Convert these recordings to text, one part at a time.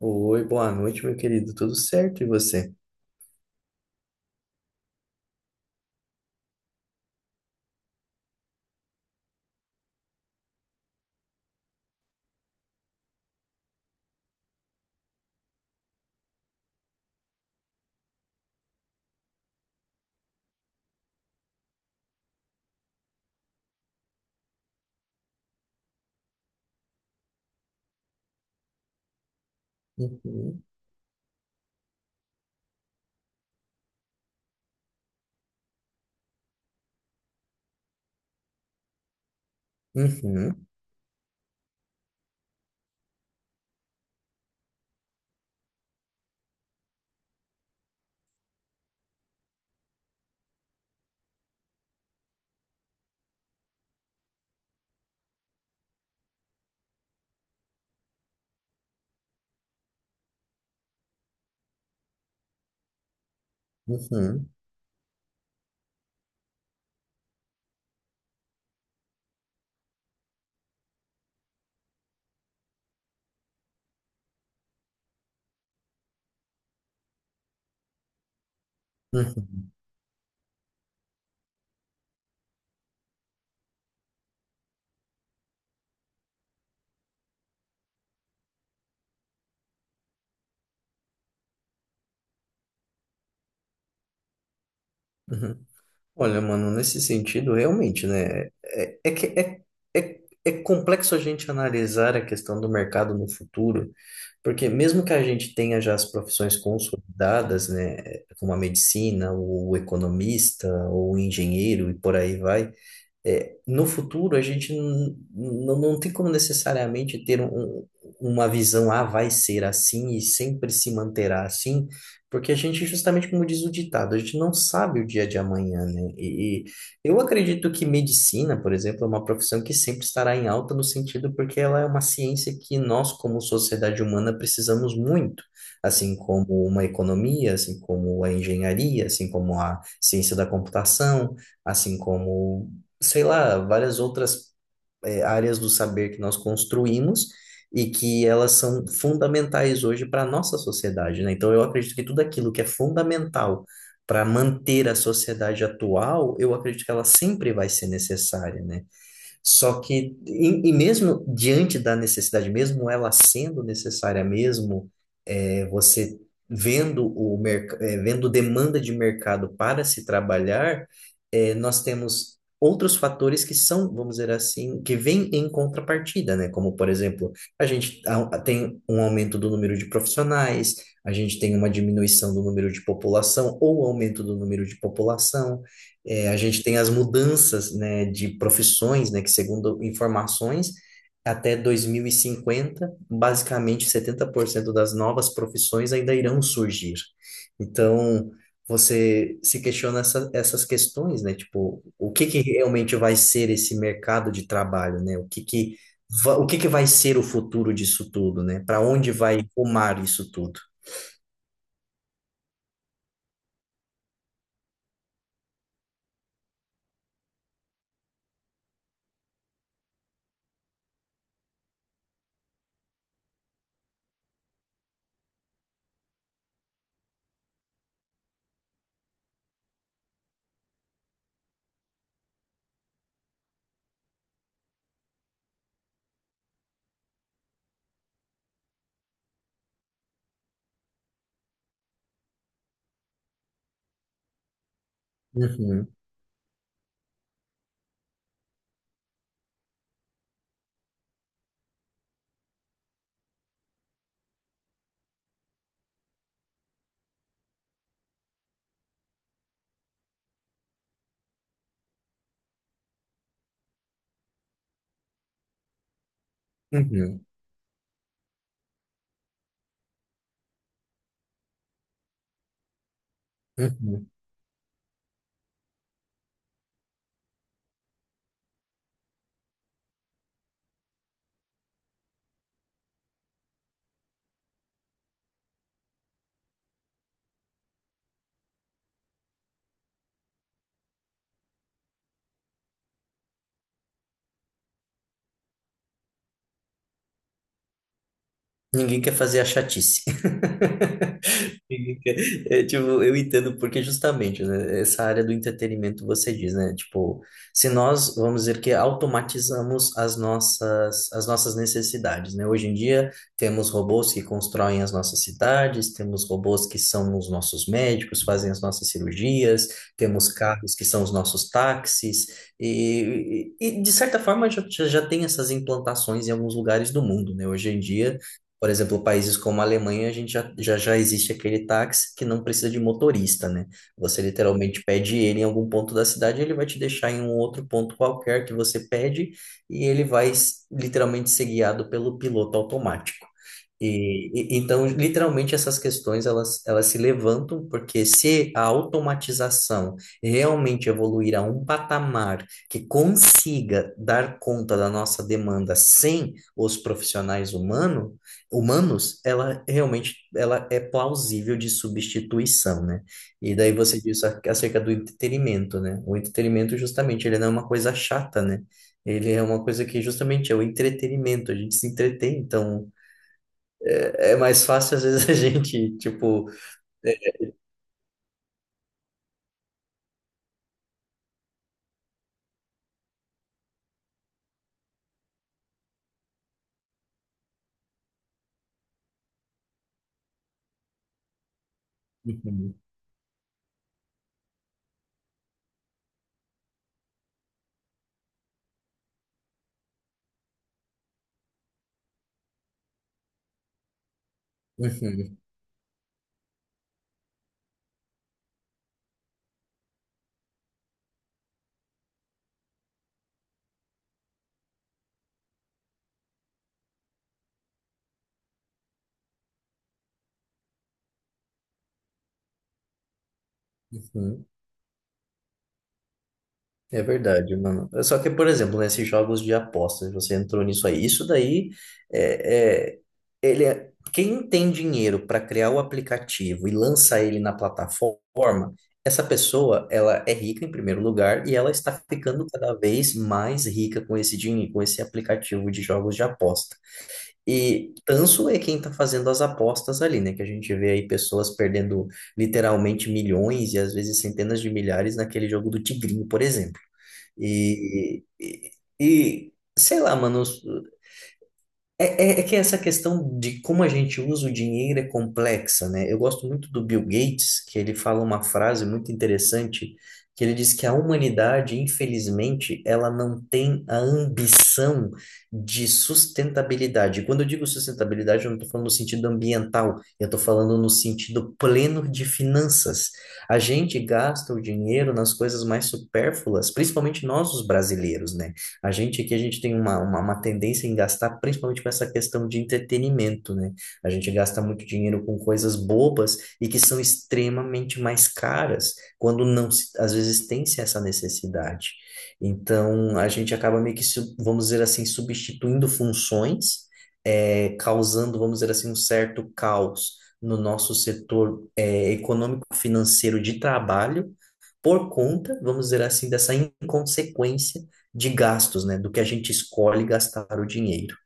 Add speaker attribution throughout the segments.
Speaker 1: Oi, boa noite, meu querido. Tudo certo, e você? Uhum, uhum, uhum, uhum, uhum. Olha, mano, nesse sentido, realmente, né? É, é complexo a gente analisar a questão do mercado no futuro, porque mesmo que a gente tenha já as profissões consolidadas, né? Como a medicina, o economista, ou o engenheiro e por aí vai. É, no futuro, a gente não tem como necessariamente ter um, uma visão, ah, vai ser assim e sempre se manterá assim, porque a gente, justamente como diz o ditado, a gente não sabe o dia de amanhã, né? E eu acredito que medicina, por exemplo, é uma profissão que sempre estará em alta no sentido porque ela é uma ciência que nós, como sociedade humana, precisamos muito, assim como uma economia, assim como a engenharia, assim como a ciência da computação, assim como, sei lá, várias outras áreas do saber que nós construímos e que elas são fundamentais hoje para a nossa sociedade, né? Então, eu acredito que tudo aquilo que é fundamental para manter a sociedade atual, eu acredito que ela sempre vai ser necessária, né? Só que, e mesmo diante da necessidade, mesmo ela sendo necessária mesmo, é, você vendo demanda de mercado para se trabalhar, é, nós temos outros fatores que são, vamos dizer assim, que vêm em contrapartida, né? Como, por exemplo, a gente tem um aumento do número de profissionais, a gente tem uma diminuição do número de população ou aumento do número de população. É, a gente tem as mudanças, né, de profissões, né, que segundo informações, até 2050, basicamente 70% das novas profissões ainda irão surgir. Então, você se questiona essa, essas questões, né? Tipo, o que que realmente vai ser esse mercado de trabalho, né? O que que, o que que vai ser o futuro disso tudo, né? Para onde vai rumar isso tudo? Uhum, uhum, uhum. Ninguém quer fazer a chatice. É, tipo, eu entendo porque justamente, né, essa área do entretenimento você diz, né? Tipo, se nós, vamos dizer que automatizamos as nossas necessidades, né? Hoje em dia temos robôs que constroem as nossas cidades, temos robôs que são os nossos médicos, fazem as nossas cirurgias, temos carros que são os nossos táxis e, de certa forma já, já tem essas implantações em alguns lugares do mundo, né? Hoje em dia, por exemplo, países como a Alemanha, a gente já, já, já existe aquele táxi que não precisa de motorista, né? Você literalmente pede ele em algum ponto da cidade, ele vai te deixar em um outro ponto qualquer que você pede e ele vai literalmente ser guiado pelo piloto automático. E, então, literalmente, essas questões elas, elas se levantam, porque se a automatização realmente evoluir a um patamar que consiga dar conta da nossa demanda sem os profissionais humanos, ela realmente ela é plausível de substituição, né? E daí você disse acerca do entretenimento, né? O entretenimento, justamente, ele não é uma coisa chata, né? Ele é uma coisa que justamente é o entretenimento, a gente se entretém, então. É mais fácil, às vezes, a gente, tipo. Uhum, uhum, uhum. É verdade, mano. Só que, por exemplo, nesses jogos de apostas, você entrou nisso aí. Isso daí é, quem tem dinheiro para criar o aplicativo e lançar ele na plataforma, essa pessoa, ela é rica em primeiro lugar e ela está ficando cada vez mais rica com esse dinheiro, com esse aplicativo de jogos de aposta. E tanso é quem está fazendo as apostas ali, né? Que a gente vê aí pessoas perdendo literalmente milhões e às vezes centenas de milhares naquele jogo do Tigrinho, por exemplo. E, e, sei lá, mano, é, é que essa questão de como a gente usa o dinheiro é complexa, né? Eu gosto muito do Bill Gates, que ele fala uma frase muito interessante, que ele diz que a humanidade, infelizmente, ela não tem a ambição de sustentabilidade. E quando eu digo sustentabilidade, eu não estou falando no sentido ambiental, eu estou falando no sentido pleno de finanças. A gente gasta o dinheiro nas coisas mais supérfluas, principalmente nós, os brasileiros, né? A gente aqui, a gente tem uma tendência em gastar, principalmente com essa questão de entretenimento, né? A gente gasta muito dinheiro com coisas bobas e que são extremamente mais caras, quando não, às vezes, tem-se essa necessidade. Então, a gente acaba meio que, vamos dizer assim, substituindo funções, causando, vamos dizer assim, um certo caos no nosso setor, econômico-financeiro de trabalho, por conta, vamos dizer assim, dessa inconsequência de gastos, né? Do que a gente escolhe gastar o dinheiro.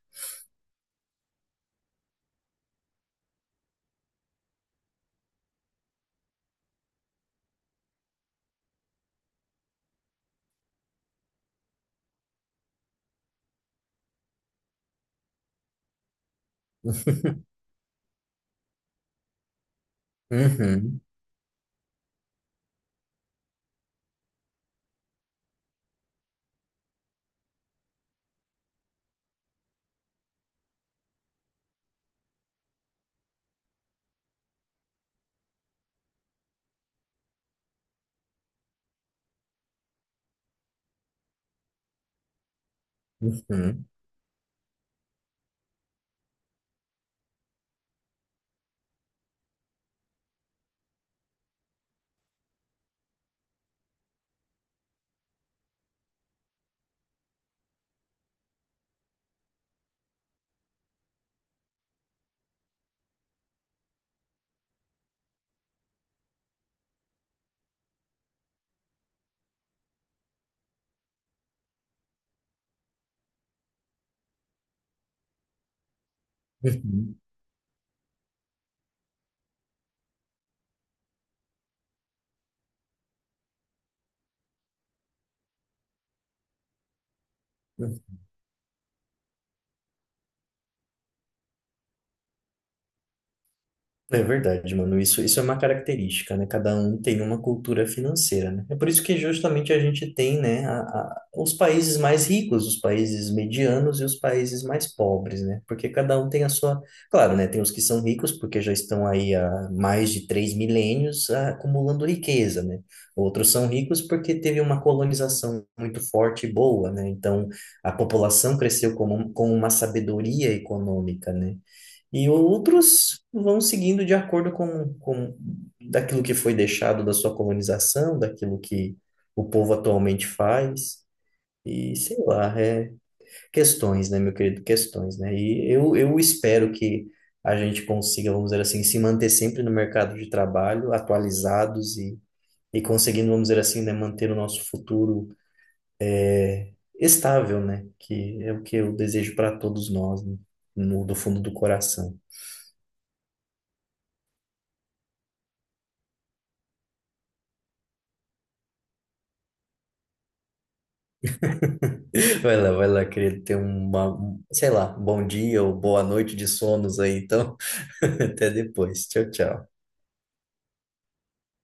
Speaker 1: Uhum, uhum, uhum, uhum. É verdade, mano. Isso é uma característica, né? Cada um tem uma cultura financeira, né? É por isso que justamente a gente tem, né, os países mais ricos, os países medianos e os países mais pobres, né? Porque cada um tem a sua... Claro, né? Tem os que são ricos porque já estão aí há mais de três milênios, ah, acumulando riqueza, né? Outros são ricos porque teve uma colonização muito forte e boa, né? Então, a população cresceu com, com uma sabedoria econômica, né? E outros vão seguindo de acordo com daquilo que foi deixado da sua colonização, daquilo que o povo atualmente faz. E sei lá, é questões, né, meu querido? Questões, né? E eu espero que a gente consiga, vamos dizer assim, se manter sempre no mercado de trabalho, atualizados e conseguindo, vamos dizer assim, né, manter o nosso futuro estável, né? Que é o que eu desejo para todos nós, né? No, do fundo do coração. Vai lá, querido, ter uma, um, sei lá, bom dia ou boa noite de sonos aí, então, até depois. Tchau, tchau.